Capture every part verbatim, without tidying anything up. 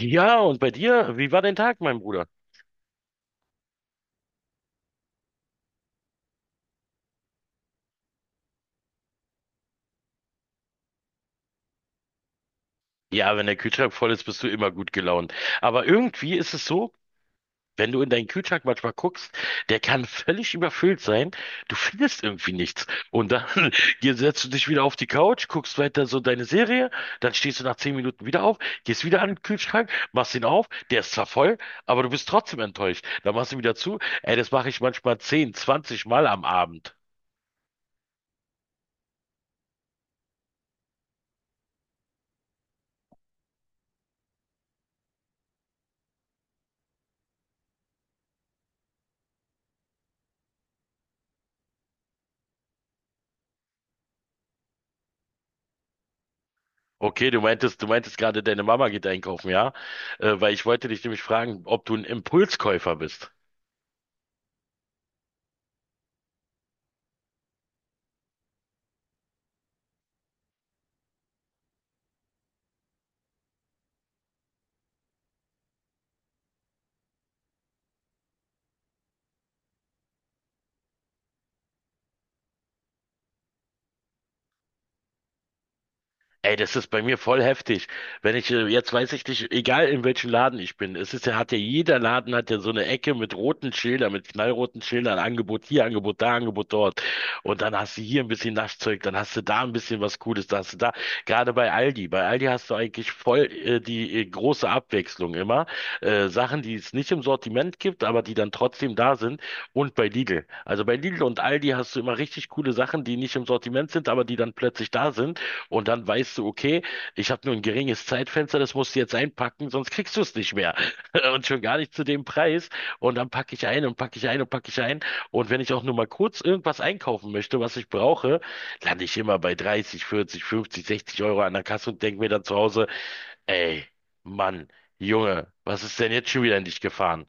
Ja, und bei dir? Wie war dein Tag, mein Bruder? Ja, wenn der Kühlschrank voll ist, bist du immer gut gelaunt. Aber irgendwie ist es so, wenn du in deinen Kühlschrank manchmal guckst, der kann völlig überfüllt sein. Du findest irgendwie nichts. Und dann hier setzt du dich wieder auf die Couch, guckst weiter so deine Serie, dann stehst du nach zehn Minuten wieder auf, gehst wieder an den Kühlschrank, machst ihn auf, der ist zwar voll, aber du bist trotzdem enttäuscht. Dann machst du ihn wieder zu. Ey, das mache ich manchmal zehn, zwanzig Mal am Abend. Okay, du meintest, du meintest gerade, deine Mama geht einkaufen, ja? Äh, weil ich wollte dich nämlich fragen, ob du ein Impulskäufer bist. Ey, das ist bei mir voll heftig. Wenn ich, äh, jetzt weiß ich nicht, egal in welchem Laden ich bin, es ist ja, hat ja jeder Laden hat ja so eine Ecke mit roten Schildern, mit knallroten Schildern, Angebot hier, Angebot da, Angebot dort. Und dann hast du hier ein bisschen Naschzeug, dann hast du da ein bisschen was Cooles, da hast du da. Gerade bei Aldi. Bei Aldi hast du eigentlich voll äh, die äh, große Abwechslung immer. Äh, Sachen, die es nicht im Sortiment gibt, aber die dann trotzdem da sind. Und bei Lidl. Also bei Lidl und Aldi hast du immer richtig coole Sachen, die nicht im Sortiment sind, aber die dann plötzlich da sind. Und dann weißt du, okay, ich habe nur ein geringes Zeitfenster, das musst du jetzt einpacken, sonst kriegst du es nicht mehr. Und schon gar nicht zu dem Preis. Und dann packe ich ein und packe ich ein und packe ich ein. Und wenn ich auch nur mal kurz irgendwas einkaufen möchte, was ich brauche, lande ich immer bei dreißig, vierzig, fünfzig, sechzig Euro an der Kasse und denke mir dann zu Hause, ey, Mann, Junge, was ist denn jetzt schon wieder in dich gefahren?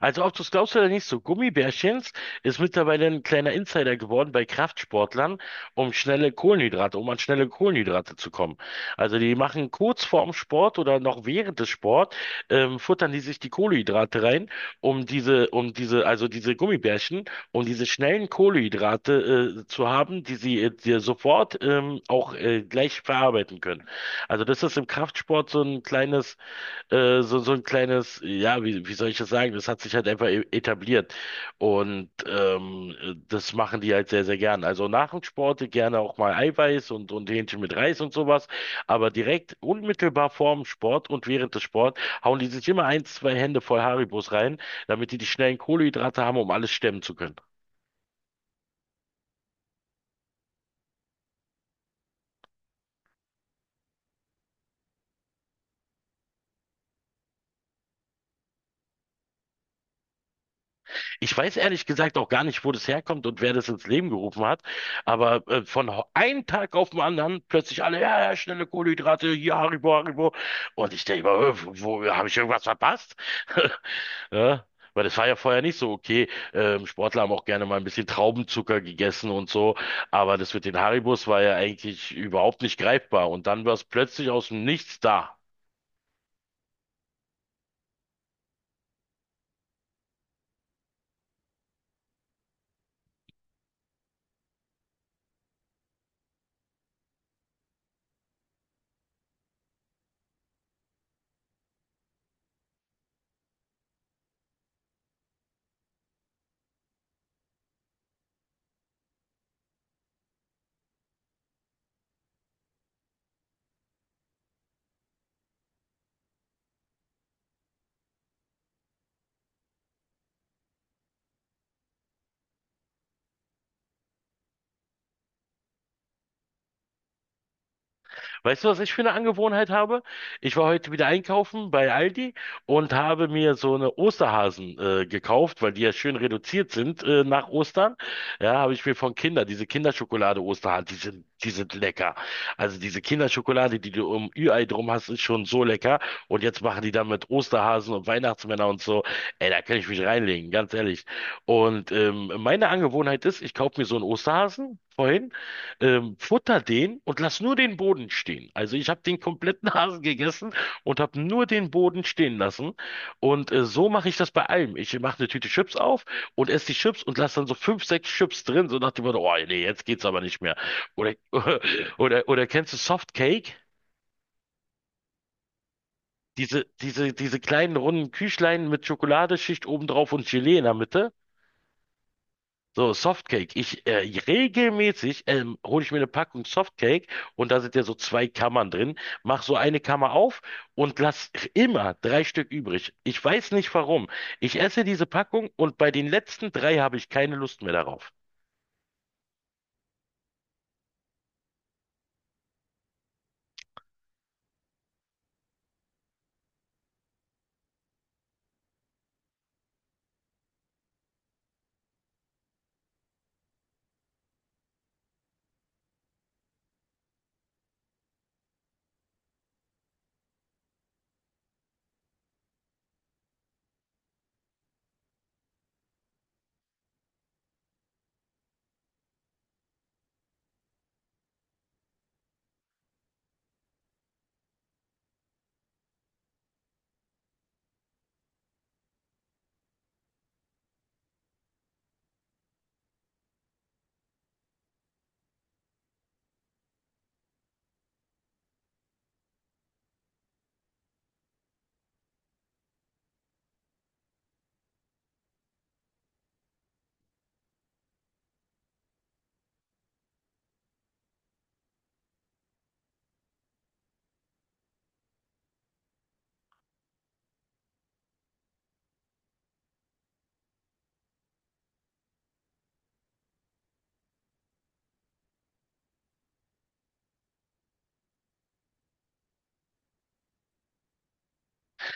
Also ob du es glaubst oder nicht, so Gummibärchens ist mittlerweile ein kleiner Insider geworden bei Kraftsportlern, um schnelle Kohlenhydrate, um an schnelle Kohlenhydrate zu kommen. Also die machen kurz vorm Sport oder noch während des Sport, ähm, futtern die sich die Kohlenhydrate rein, um diese, um diese, also diese Gummibärchen, um diese schnellen Kohlenhydrate, äh, zu haben, die sie äh, dir sofort, ähm, auch, äh, gleich verarbeiten können. Also das ist im Kraftsport so ein kleines äh, so, so ein kleines, ja, wie, wie soll ich das sagen? Das hat sich halt einfach e- etabliert. Und ähm, äh, das machen die halt sehr, sehr gern. Also nach dem Sport gerne auch mal Eiweiß und, und Hähnchen mit Reis und sowas. Aber direkt unmittelbar vorm Sport und während des Sport hauen die sich immer ein, zwei Hände voll Haribos rein, damit die die schnellen Kohlenhydrate haben, um alles stemmen zu können. Ich weiß ehrlich gesagt auch gar nicht, wo das herkommt und wer das ins Leben gerufen hat, aber äh, von ho- einem Tag auf den anderen plötzlich alle, ja, ja, schnelle Kohlenhydrate, hier Haribo, Haribo. Und ich denke mir, äh, wo, wo habe ich irgendwas verpasst? Ja, weil das war ja vorher nicht so okay. Ähm, Sportler haben auch gerne mal ein bisschen Traubenzucker gegessen und so, aber das mit den Haribos war ja eigentlich überhaupt nicht greifbar und dann war es plötzlich aus dem Nichts da. Weißt du, was ich für eine Angewohnheit habe? Ich war heute wieder einkaufen bei Aldi und habe mir so eine Osterhasen äh, gekauft, weil die ja schön reduziert sind äh, nach Ostern. Ja, habe ich mir von Kinder, diese Kinderschokolade Osterhasen, die sind, die sind lecker. Also diese Kinderschokolade, die du um Ü-Ei drum hast, ist schon so lecker. Und jetzt machen die dann mit Osterhasen und Weihnachtsmänner und so. Ey, da kann ich mich reinlegen, ganz ehrlich. Und ähm, meine Angewohnheit ist, ich kaufe mir so einen Osterhasen. Vorhin ähm, futter den und lass nur den Boden stehen. Also ich habe den kompletten Hasen gegessen und habe nur den Boden stehen lassen. Und äh, so mache ich das bei allem. Ich mache eine Tüte Chips auf und esse die Chips und lasse dann so fünf, sechs Chips drin, so nach dem Motto, oh nee, jetzt geht's aber nicht mehr. Oder, oder, oder kennst du Softcake? Diese, diese, diese kleinen runden Küchlein mit Schokoladeschicht obendrauf und Gelee in der Mitte. So, Softcake. Ich äh, regelmäßig ähm, hole ich mir eine Packung Softcake und da sind ja so zwei Kammern drin. Mach so eine Kammer auf und lass immer drei Stück übrig. Ich weiß nicht warum. Ich esse diese Packung und bei den letzten drei habe ich keine Lust mehr darauf.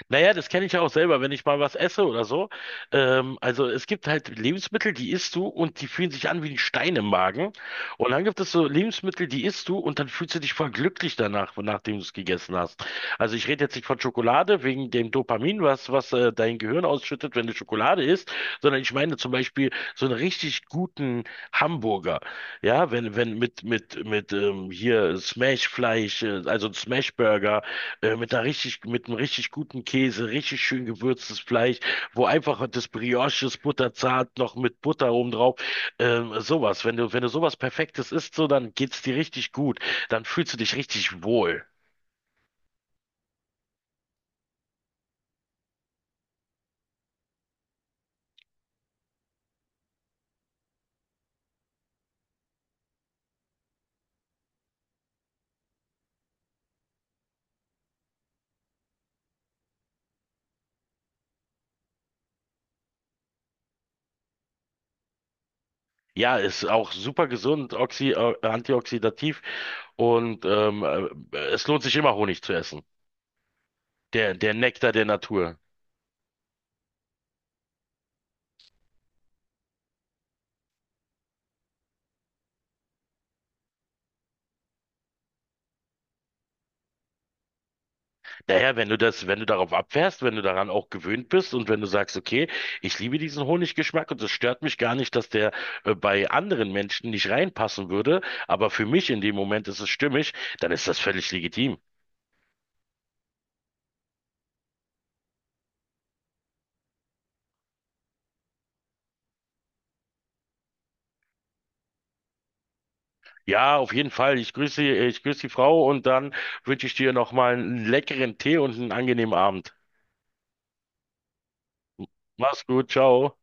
Naja, das kenne ich ja auch selber, wenn ich mal was esse oder so. Ähm, also es gibt halt Lebensmittel, die isst du und die fühlen sich an wie ein Stein im Magen. Und dann gibt es so Lebensmittel, die isst du und dann fühlst du dich voll glücklich danach, nachdem du es gegessen hast. Also ich rede jetzt nicht von Schokolade wegen dem Dopamin, was, was äh, dein Gehirn ausschüttet, wenn du Schokolade isst, sondern ich meine zum Beispiel so einen richtig guten Hamburger. Ja, wenn, wenn mit, mit, mit ähm, hier Smashfleisch, äh, also ein Smashburger äh, mit einer richtig, mit einem richtig guten Käse, richtig schön gewürztes Fleisch, wo einfach das Brioche ist butterzart, noch mit Butter oben drauf. Ähm, sowas. Wenn du, wenn du sowas Perfektes isst, so, dann geht's dir richtig gut. Dann fühlst du dich richtig wohl. Ja, ist auch super gesund, oxi, äh, antioxidativ und ähm, äh, es lohnt sich immer Honig zu essen. Der, der Nektar der Natur. Naja, wenn du das, wenn du darauf abfährst, wenn du daran auch gewöhnt bist und wenn du sagst, okay, ich liebe diesen Honiggeschmack und es stört mich gar nicht, dass der äh, bei anderen Menschen nicht reinpassen würde, aber für mich in dem Moment ist es stimmig, dann ist das völlig legitim. Ja, auf jeden Fall. Ich grüße, ich grüße die Frau und dann wünsche ich dir nochmal einen leckeren Tee und einen angenehmen Abend. Mach's gut, ciao.